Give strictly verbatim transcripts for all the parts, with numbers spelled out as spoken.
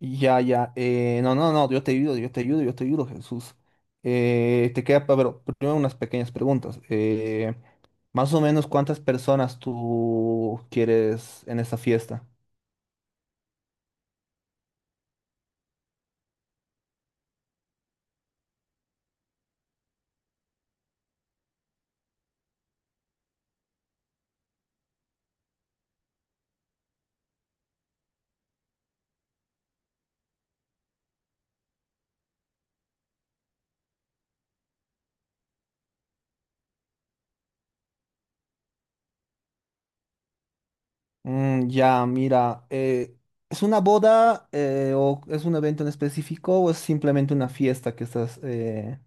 Ya, ya. eh, no, no, no, Yo te ayudo, yo te ayudo, yo te ayudo, Jesús. Eh, te queda, pa- pero primero unas pequeñas preguntas. Eh, más o menos, ¿cuántas personas tú quieres en esta fiesta? Mm, ya, mira, eh, ¿es una boda eh, o es un evento en específico o es simplemente una fiesta que estás eh,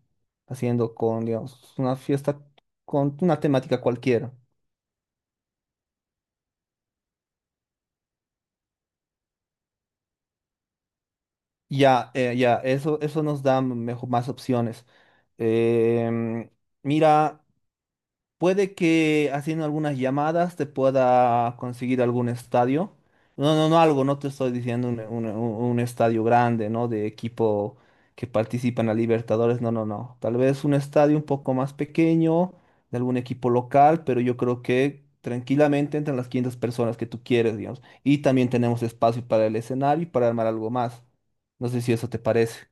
haciendo con, digamos, una fiesta con una temática cualquiera? Ya, eh, ya, Eso, eso nos da mejo- más opciones. Em, Mira, puede que haciendo algunas llamadas te pueda conseguir algún estadio. No, no, no algo, no te estoy diciendo un, un- un estadio grande, ¿no? De equipo que participa en la Libertadores, no, no, no. Tal vez un estadio un poco más pequeño, de algún equipo local, pero yo creo que tranquilamente entran las quinientas personas que tú quieres, digamos. Y también tenemos espacio para el escenario y para armar algo más. No sé si eso te parece.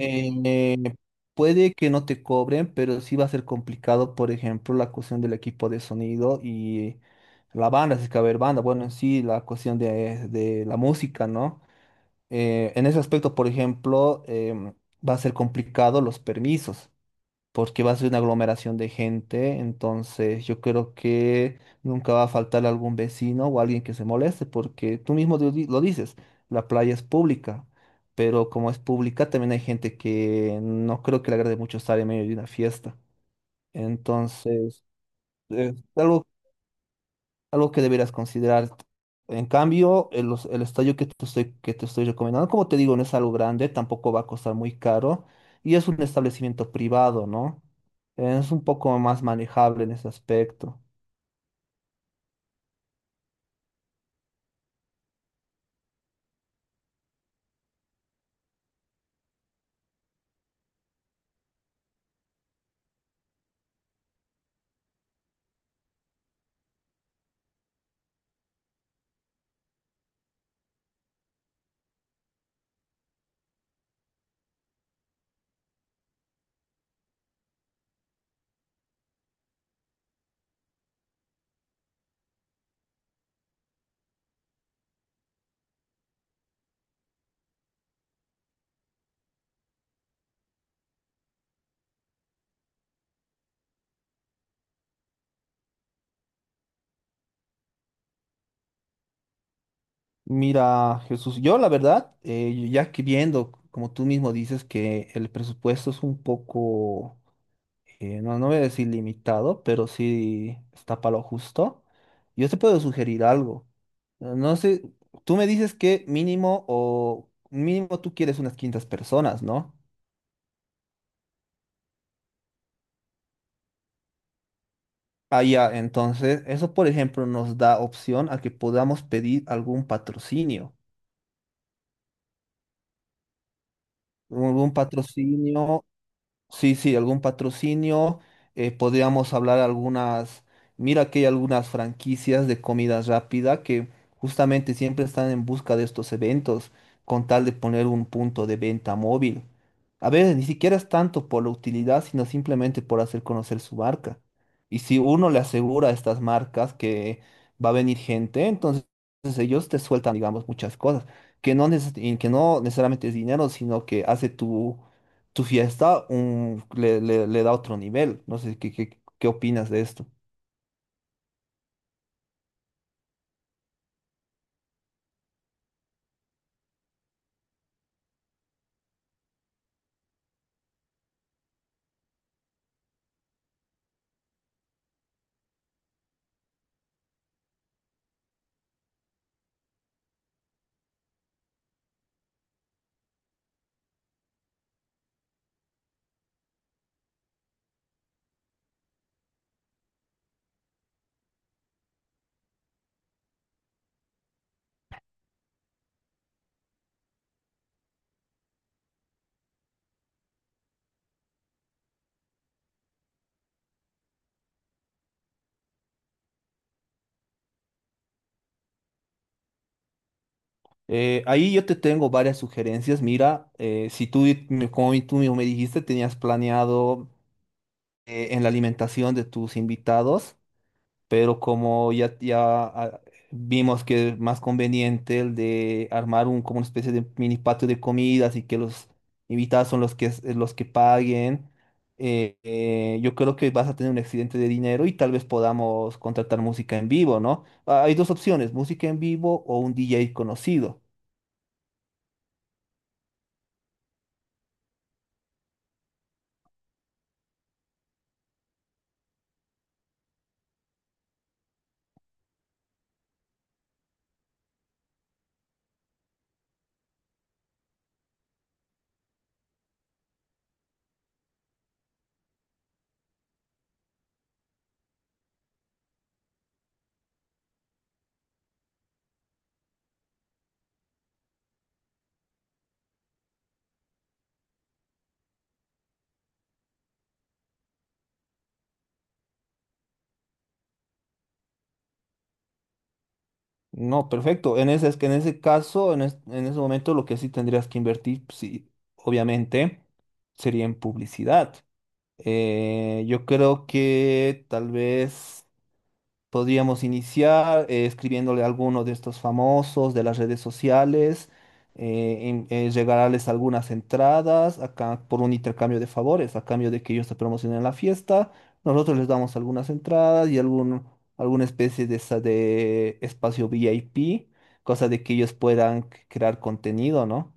Eh, Puede que no te cobren, pero sí va a ser complicado, por ejemplo, la cuestión del equipo de sonido y la banda, si es que va a haber banda, bueno, en sí, la cuestión de, de la música, ¿no? Eh, en ese aspecto, por ejemplo, em, va a ser complicado los permisos porque va a ser una aglomeración de gente, entonces yo creo que nunca va a faltar algún vecino o alguien que se moleste, porque tú mismo lo di- lo dices, la playa es pública, pero como es pública también hay gente que no creo que le agrade mucho estar en medio de una fiesta. Entonces, es algo, algo que deberás considerar. En cambio, el, os- el estadio que te estoy, que te estoy recomendando, como te digo, no es algo grande, tampoco va a costar muy caro y es un establecimiento privado, ¿no? Es un poco más manejable en ese aspecto. Mira, Jesús, yo la verdad, eh, ya que viendo, como tú mismo dices, que el presupuesto es un poco eh, no, no voy a decir limitado, pero sí está para lo justo. Yo te puedo sugerir algo. Eh, No sé, tú me dices que mínimo o mínimo tú quieres unas quinientas personas, ¿no? Ah, ya, entonces, eso por ejemplo nos da opción a que podamos pedir algún patrocinio, algún patrocinio. Sí, sí, algún patrocinio. eh, podríamos hablar algunas. Mira que hay algunas franquicias de comida rápida que justamente siempre están en busca de estos eventos, con tal de poner un punto de venta móvil. A veces ni siquiera es tanto por la utilidad, sino simplemente por hacer conocer su marca. Y si uno le asegura a estas marcas que va a venir gente, entonces ellos te sueltan, digamos, muchas cosas, que no, neces- y que no necesariamente es dinero, sino que hace tu tu fiesta un- le, le- le da otro nivel. No sé, ¿qué, qué, qué opinas de esto? Eh, ahí yo te tengo varias sugerencias. Mí- Mira, eh, si tú, di- me- como tú mismo me dijiste, tenías planeado eh, en la alimentación de tus invitados. Pero como ya, ya ah, vimos que es más conveniente el de armar un, como una especie de mini patio de comidas y que los invitados son los que, s- los que paguen, eh, eh, yo creo que vas a tener un excedente de dinero y tal vez podamos contratar música en vivo, ¿no? Ah, hay dos opciones, música en vivo o un D J conocido. No, perfecto. En ese, es que en ese caso, en, es- en ese momento, lo que sí tendrías que invertir, sí, obviamente, sería en publicidad. Eh, yo creo que tal vez podríamos iniciar eh, escribiéndole a alguno de estos famosos de las redes sociales, eh, en- eh, regalarles algunas entradas acá por un intercambio de favores, a cambio de que ellos se promocionen la fiesta. Nosotros les damos algunas entradas y algún, alguna especie de, esa de espacio V I P, cosa de que ellos puedan crear contenido, ¿no?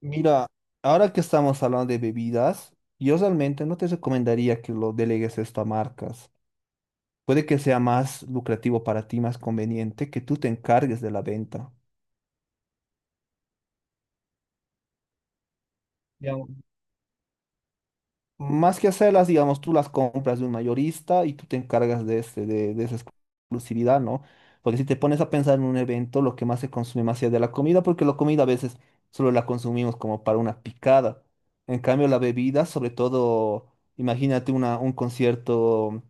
Mira, ahora que estamos hablando de bebidas, yo realmente no te recomendaría que lo delegues esto a marcas. Puede que sea más lucrativo para ti, más conveniente que tú te encargues de la venta. Digamos, más que hacerlas, digamos, tú las compras de un mayorista y tú te encargas de, este, de, de esa exclusividad, ¿no? Porque si te pones a pensar en un evento, lo que más se consume más es de la comida, porque la comida a veces solo la consumimos como para una picada. En cambio, la bebida, sobre todo, imagínate una, un concierto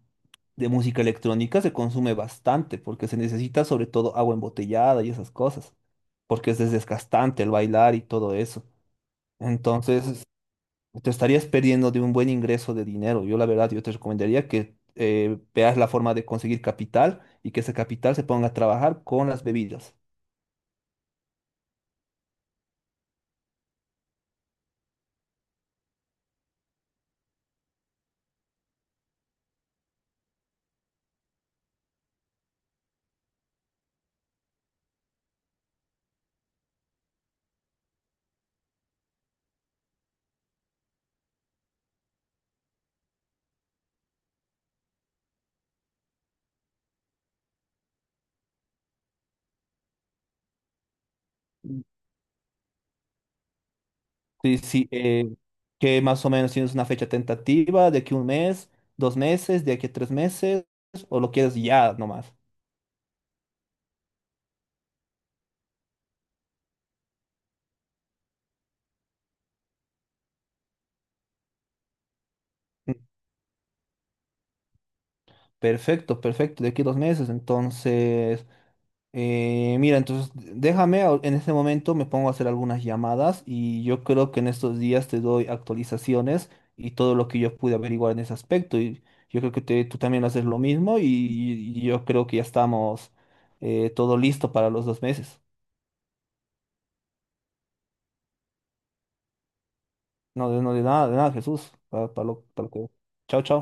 de música electrónica se consume bastante porque se necesita sobre todo agua embotellada y esas cosas, porque es desgastante el bailar y todo eso. Entonces, te estarías perdiendo de un buen ingreso de dinero. Yo la verdad, yo te recomendaría que eh, veas la forma de conseguir capital y que ese capital se ponga a trabajar con las bebidas. Sí, sí, eh, que más o menos tienes una fecha tentativa de aquí un mes, dos meses, de aquí a tres meses, o lo quieres ya nomás. Perfecto, perfecto, de aquí a dos meses. Entonces, eh, mira, entonces déjame, ahor- en este momento me pongo a hacer algunas llamadas y yo creo que en estos días te doy actualizaciones y todo lo que yo pude averiguar en ese aspecto. Y yo creo que te- tú también haces lo mismo y, y yo creo que ya estamos eh, todo listo para los dos meses. No, de, no, de nada, de nada, Jesús. Para, para lo, para lo que... Chao, chao.